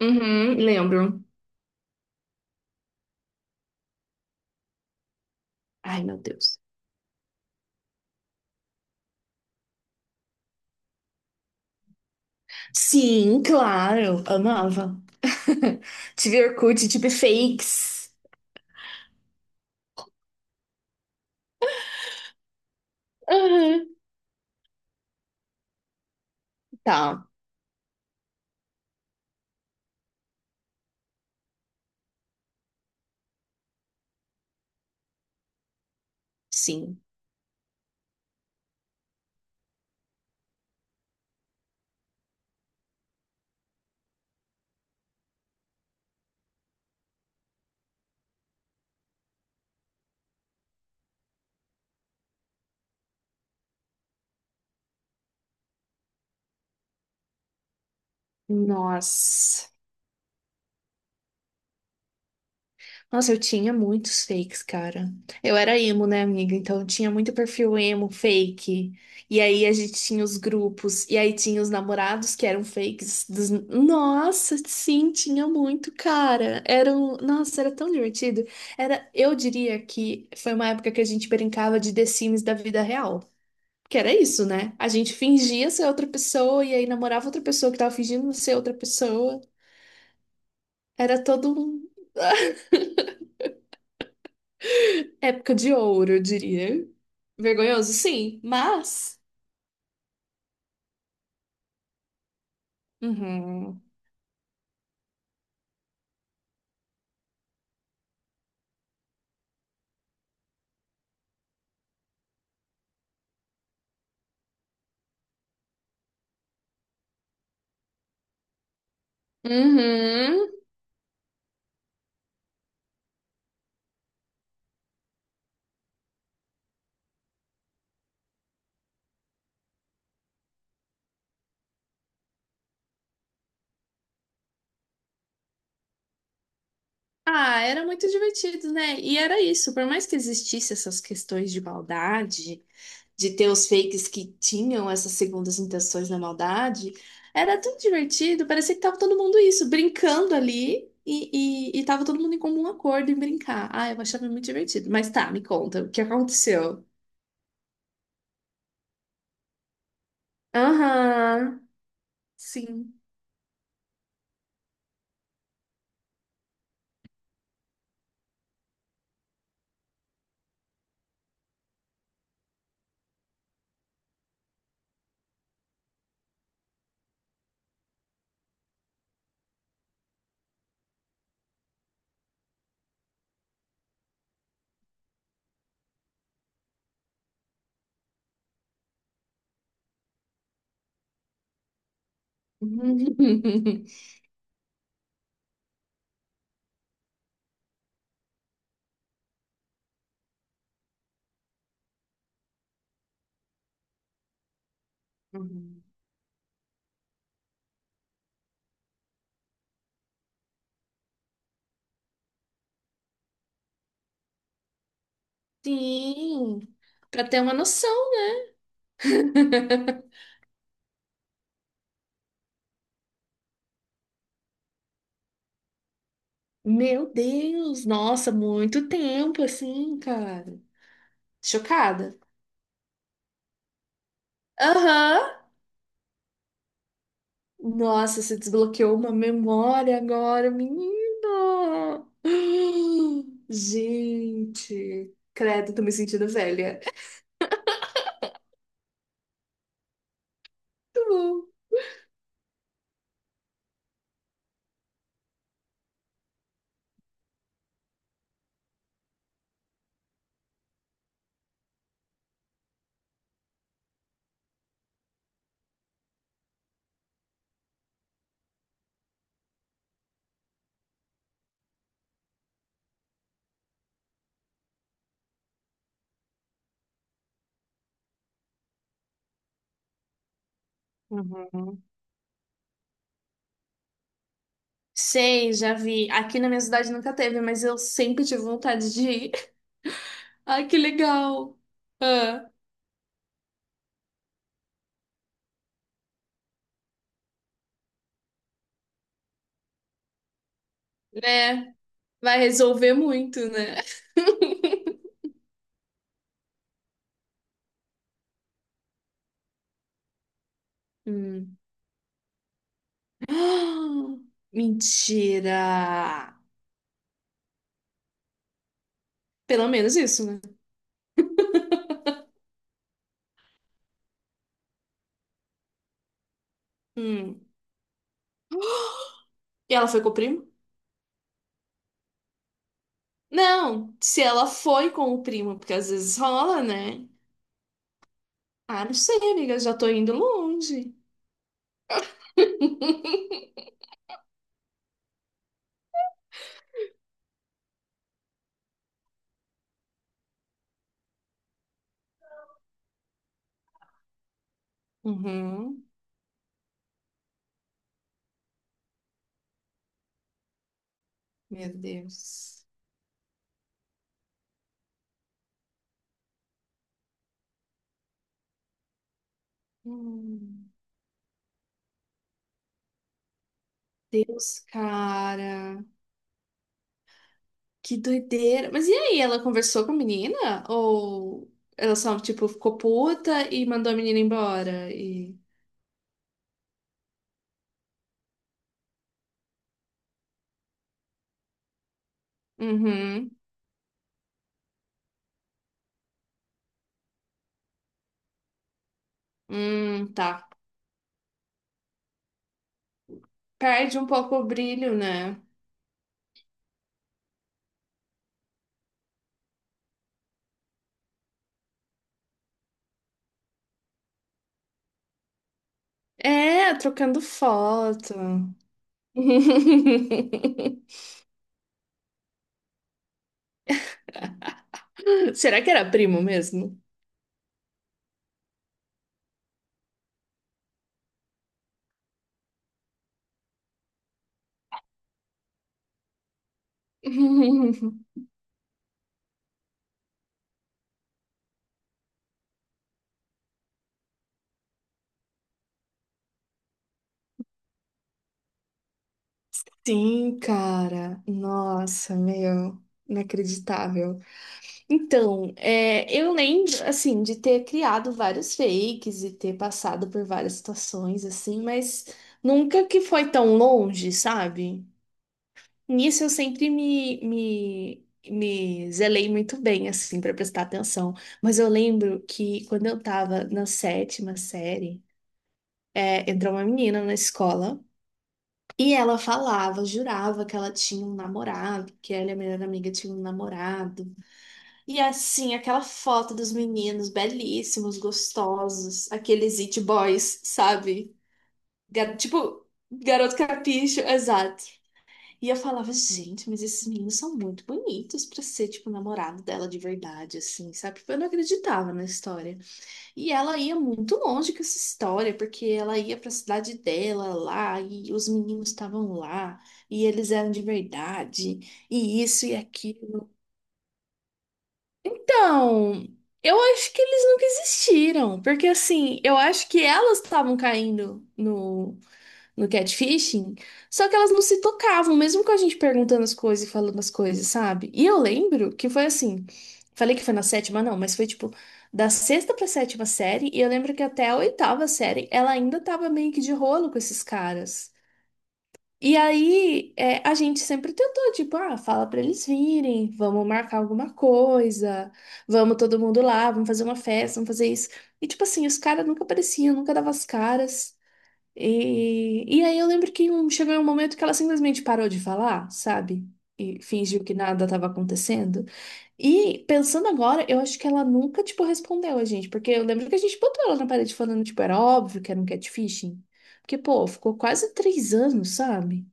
Uhum, lembro. Ai, meu Deus. Sim, claro, amava. Tive Orkut, tive fakes. Uhum. Tá, sim. Nossa. Nossa, eu tinha muitos fakes, cara. Eu era emo, né, amiga? Então eu tinha muito perfil emo, fake. E aí a gente tinha os grupos. E aí tinha os namorados que eram fakes. Nossa, sim, tinha muito, cara. Era um... Nossa, era tão divertido. Era... Eu diria que foi uma época que a gente brincava de The Sims da vida real. Que era isso, né? A gente fingia ser outra pessoa e aí namorava outra pessoa que tava fingindo ser outra pessoa. Era todo um. Época de ouro, eu diria. Vergonhoso, sim, mas. Uhum. Uhum. Ah, era muito divertido, né? E era isso, por mais que existisse essas questões de maldade, de ter os fakes que tinham essas segundas intenções na maldade, era tão divertido, parecia que tava todo mundo isso, brincando ali e tava todo mundo em comum acordo em brincar. Ah, eu achava muito divertido. Mas tá, me conta, o que aconteceu? Aham, sim. Uhum. Sim, para ter uma noção. Meu Deus, nossa, muito tempo assim, cara. Chocada. Aham. Nossa, você desbloqueou uma memória agora, menino. Gente, credo, tô me sentindo velha. Muito bom. Uhum. Sei, já vi. Aqui na minha cidade nunca teve, mas eu sempre tive vontade de ir. Ai, que legal. Ah, né? Vai resolver muito, né? Hum. Mentira! Pelo menos isso, né? Hum. E ela foi com o primo? Não, se ela foi com o primo, porque às vezes rola, né? Ah, não sei, amiga, já tô indo longe. Uhum. Meu Deus. Hum. Deus, cara. Que doideira. Mas e aí, ela conversou com a menina? Ou ela só, tipo, ficou puta e mandou a menina embora? E... Uhum. Tá. Perde um pouco o brilho, né? É, trocando foto. Será que era primo mesmo? Sim, cara. Nossa, meu. Inacreditável. Então, é, eu lembro, assim, de ter criado vários fakes e ter passado por várias situações, assim, mas nunca que foi tão longe, sabe? Nisso eu sempre me zelei muito bem, assim, para prestar atenção. Mas eu lembro que quando eu tava na sétima série, é, entrou uma menina na escola e ela falava, jurava que ela tinha um namorado, que ela e a melhor amiga tinham um namorado. E assim, aquela foto dos meninos belíssimos, gostosos, aqueles it boys, sabe? Tipo, garoto capricho, exato. E eu falava, gente, mas esses meninos são muito bonitos pra ser, tipo, namorado dela de verdade, assim, sabe? Porque eu não acreditava na história. E ela ia muito longe com essa história, porque ela ia pra cidade dela lá, e os meninos estavam lá, e eles eram de verdade, e isso e aquilo. Então, eu acho que eles nunca existiram, porque, assim, eu acho que elas estavam caindo no catfishing, só que elas não se tocavam, mesmo com a gente perguntando as coisas e falando as coisas, sabe? E eu lembro que foi assim, falei que foi na sétima, não, mas foi tipo da sexta pra sétima série, e eu lembro que até a oitava série ela ainda tava meio que de rolo com esses caras. E aí, é, a gente sempre tentou, tipo, ah, fala pra eles virem, vamos marcar alguma coisa, vamos todo mundo lá, vamos fazer uma festa, vamos fazer isso. E, tipo assim, os caras nunca apareciam, nunca davam as caras. E, aí eu lembro que chegou um momento que ela simplesmente parou de falar, sabe? E fingiu que nada estava acontecendo. E pensando agora, eu acho que ela nunca, tipo, respondeu a gente. Porque eu lembro que a gente botou ela na parede falando, tipo, era óbvio que era um catfishing. Porque, pô, ficou quase 3 anos, sabe?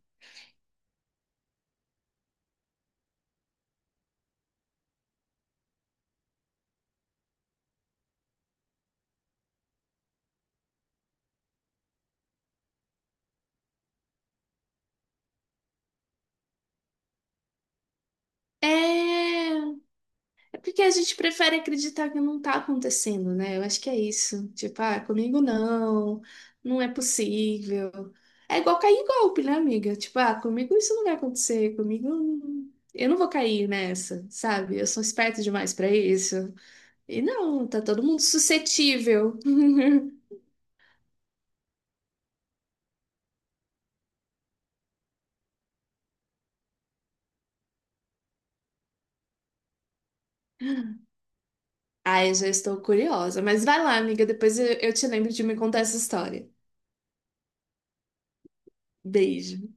É. Porque a gente prefere acreditar que não tá acontecendo, né? Eu acho que é isso. Tipo, ah, comigo não, não é possível. É igual cair em golpe, né, amiga? Tipo, ah, comigo isso não vai acontecer, comigo eu não vou cair nessa, sabe? Eu sou esperta demais pra isso. E não, tá todo mundo suscetível. Ai, já estou curiosa. Mas vai lá, amiga, depois eu te lembro de me contar essa história. Beijo.